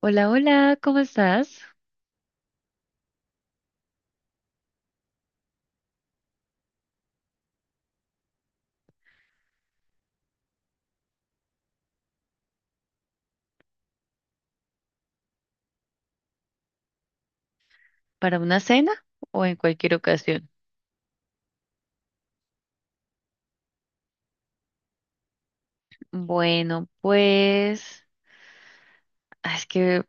Hola, hola, ¿cómo estás? ¿Para una cena o en cualquier ocasión? Bueno, pues es que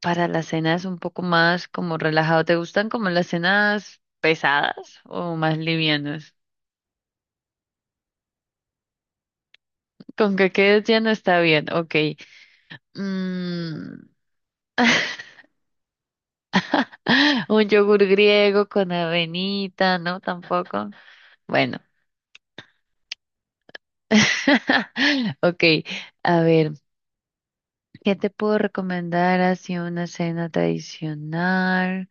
para las cenas un poco más como relajado. ¿Te gustan como las cenas pesadas o más livianas? Con que quedes lleno está bien, ok. Mm, un yogur griego con avenita, ¿no? Tampoco. Bueno, ok. A ver. ¿Qué te puedo recomendar así una cena tradicional?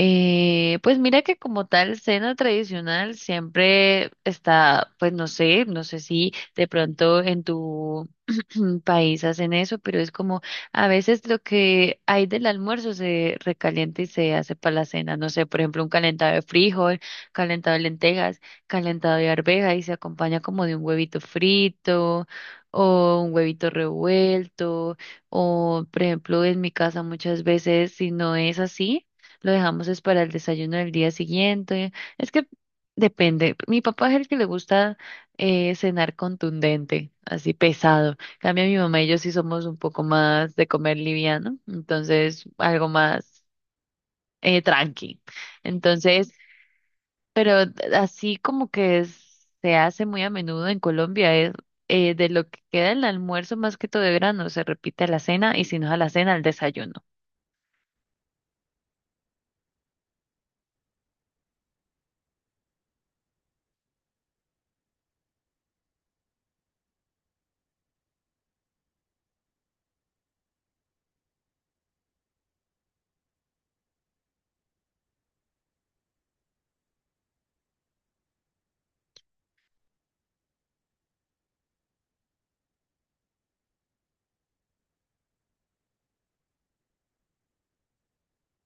Pues mira que como tal cena tradicional siempre está, pues no sé, no sé si de pronto en tu país hacen eso, pero es como a veces lo que hay del almuerzo se recalienta y se hace para la cena. No sé, por ejemplo, un calentado de frijol, calentado de lentejas, calentado de arveja y se acompaña como de un huevito frito o un huevito revuelto o, por ejemplo, en mi casa muchas veces si no es así. Lo dejamos es para el desayuno del día siguiente. Es que depende. Mi papá es el que le gusta cenar contundente, así pesado. En cambio mi mamá y yo sí somos un poco más de comer liviano, entonces algo más tranqui. Entonces, pero así como que se hace muy a menudo en Colombia es de lo que queda el almuerzo más que todo de grano se repite a la cena y si no es a la cena al desayuno.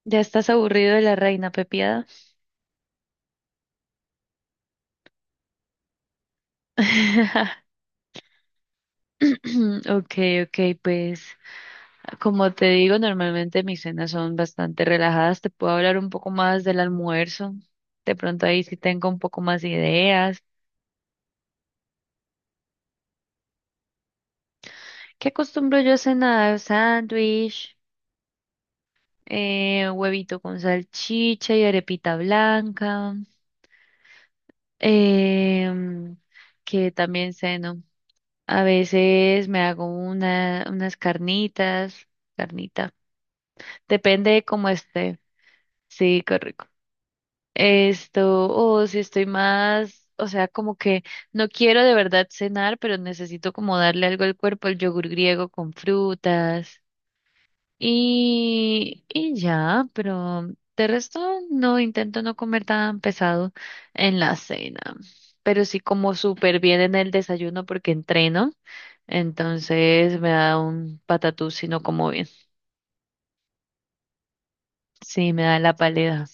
¿Ya estás aburrido de la reina pepiada? Okay, okay, pues como te digo, normalmente mis cenas son bastante relajadas. Te puedo hablar un poco más del almuerzo. De pronto ahí sí tengo un poco más ideas. ¿Qué acostumbro yo a cenar? Sándwich, huevito con salchicha y arepita blanca. em, que también ceno. A veces me hago unas carnitas, carnita. Depende de cómo esté. Sí, correcto. Esto, o si estoy más, o sea, como que no quiero de verdad cenar, pero necesito como darle algo al cuerpo, el yogur griego con frutas y ya, pero de resto no intento no comer tan pesado en la cena, pero sí como súper bien en el desayuno porque entreno, entonces me da un patatús si no como bien, sí, me da la pálida.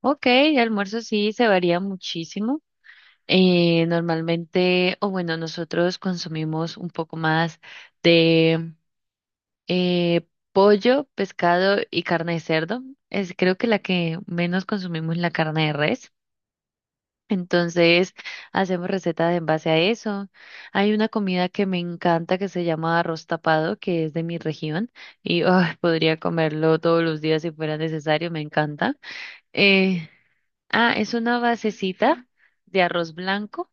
Ok, el almuerzo sí se varía muchísimo. Normalmente, o bueno, nosotros consumimos un poco más de pollo, pescado y carne de cerdo. Es creo que la que menos consumimos es la carne de res. Entonces, hacemos recetas en base a eso. Hay una comida que me encanta que se llama arroz tapado, que es de mi región y ay, podría comerlo todos los días si fuera necesario, me encanta. Eh, es una basecita de arroz blanco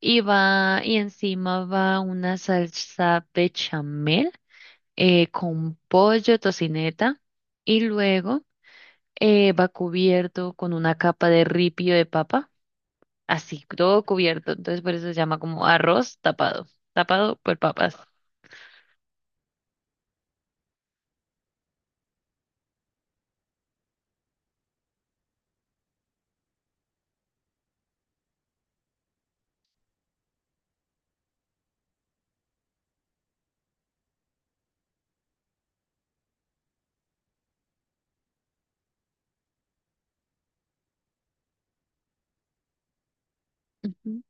y va, y encima va una salsa bechamel con pollo, tocineta, y luego va cubierto con una capa de ripio de papa, así, todo cubierto. Entonces por eso se llama como arroz tapado, tapado por papas. Ujú.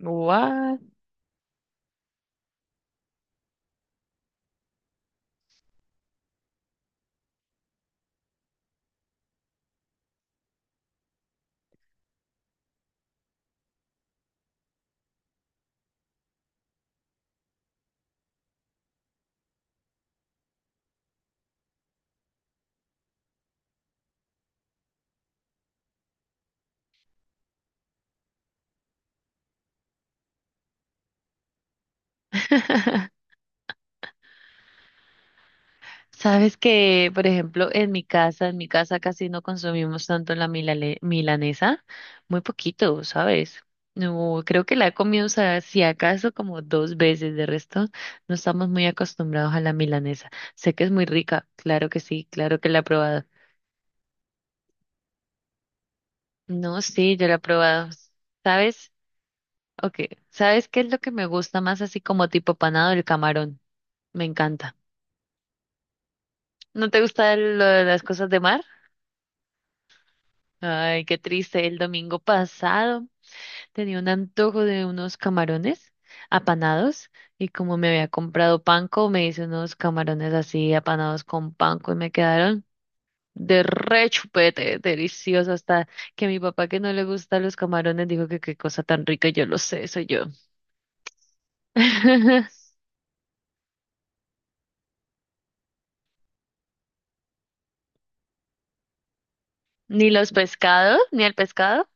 What? Sabes que, por ejemplo, en mi casa casi no consumimos tanto la milanesa, muy poquito, ¿sabes? No, creo que la he comido, o sea, si acaso como dos veces, de resto no estamos muy acostumbrados a la milanesa. Sé que es muy rica, claro que sí, claro que la he probado. No, sí, yo la he probado. ¿Sabes? Ok, ¿sabes qué es lo que me gusta más así como tipo panado? El camarón, me encanta. ¿No te gusta lo de las cosas de mar? Ay, qué triste. El domingo pasado tenía un antojo de unos camarones apanados y como me había comprado panko, me hice unos camarones así apanados con panko y me quedaron de re chupete, delicioso, hasta que mi papá que no le gustan los camarones dijo que qué cosa tan rica, yo lo sé, soy yo. Ni los pescados, ni el pescado.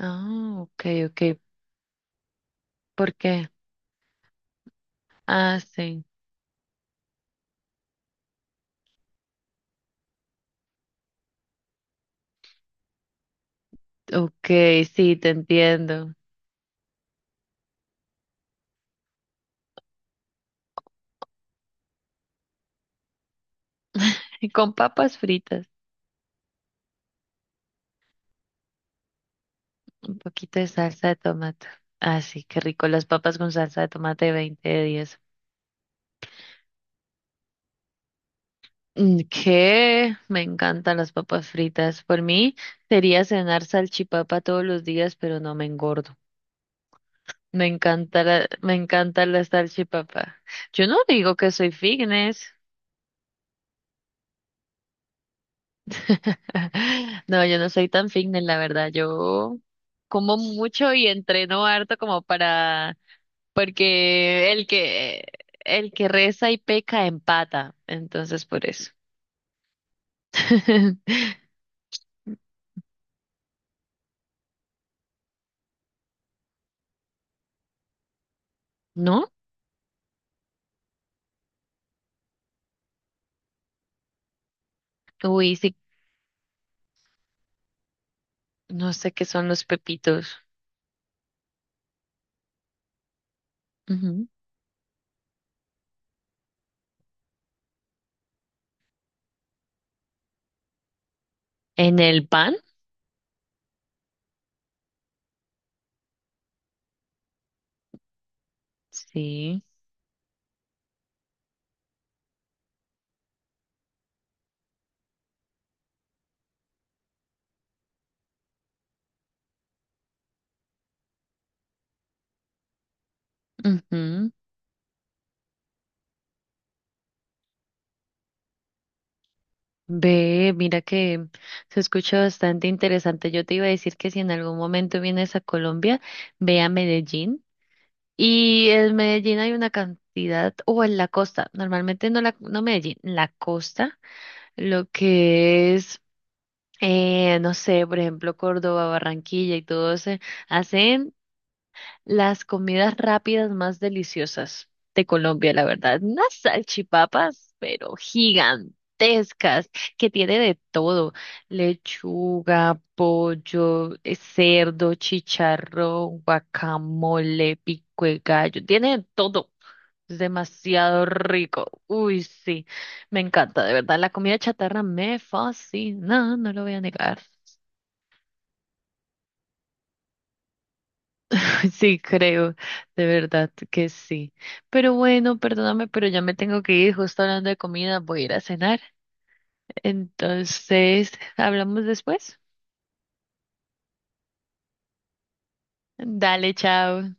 Ah, ok, ok. ¿Por qué? Ah, sí. Ok, sí, te entiendo. Y con papas fritas. Un poquito de salsa de tomate. Ah, sí, qué rico. Las papas con salsa de tomate 20 de 10. Mm, ¿qué? Me encantan las papas fritas. Por mí sería cenar salchipapa todos los días, pero no me engordo. Me encanta la salchipapa. Yo no digo que soy fitness. No, yo no soy tan fitness, la verdad. Yo como mucho y entreno harto como para Porque el que reza y peca empata, entonces por eso. ¿No? Uy, sí, no sé qué son los pepitos. Ujú. ¿En el pan? Sí. Ujú. Ve, mira que se escucha bastante interesante. Yo te iba a decir que si en algún momento vienes a Colombia, ve a Medellín. Y en Medellín hay una cantidad, o en la costa, normalmente no Medellín, la costa, lo que es no sé, por ejemplo, Córdoba, Barranquilla y todo ese, hacen las comidas rápidas más deliciosas de Colombia, la verdad. Unas salchipapas, pero gigantescas, que tiene de todo, lechuga, pollo, cerdo, chicharrón, guacamole, pico de gallo, tiene de todo. Es demasiado rico. Uy, sí, me encanta, de verdad. La comida chatarra me fascina, no lo voy a negar. Sí, creo, de verdad que sí. Pero bueno, perdóname, pero ya me tengo que ir, justo hablando de comida, voy a ir a cenar. Entonces, hablamos después. Dale, chao.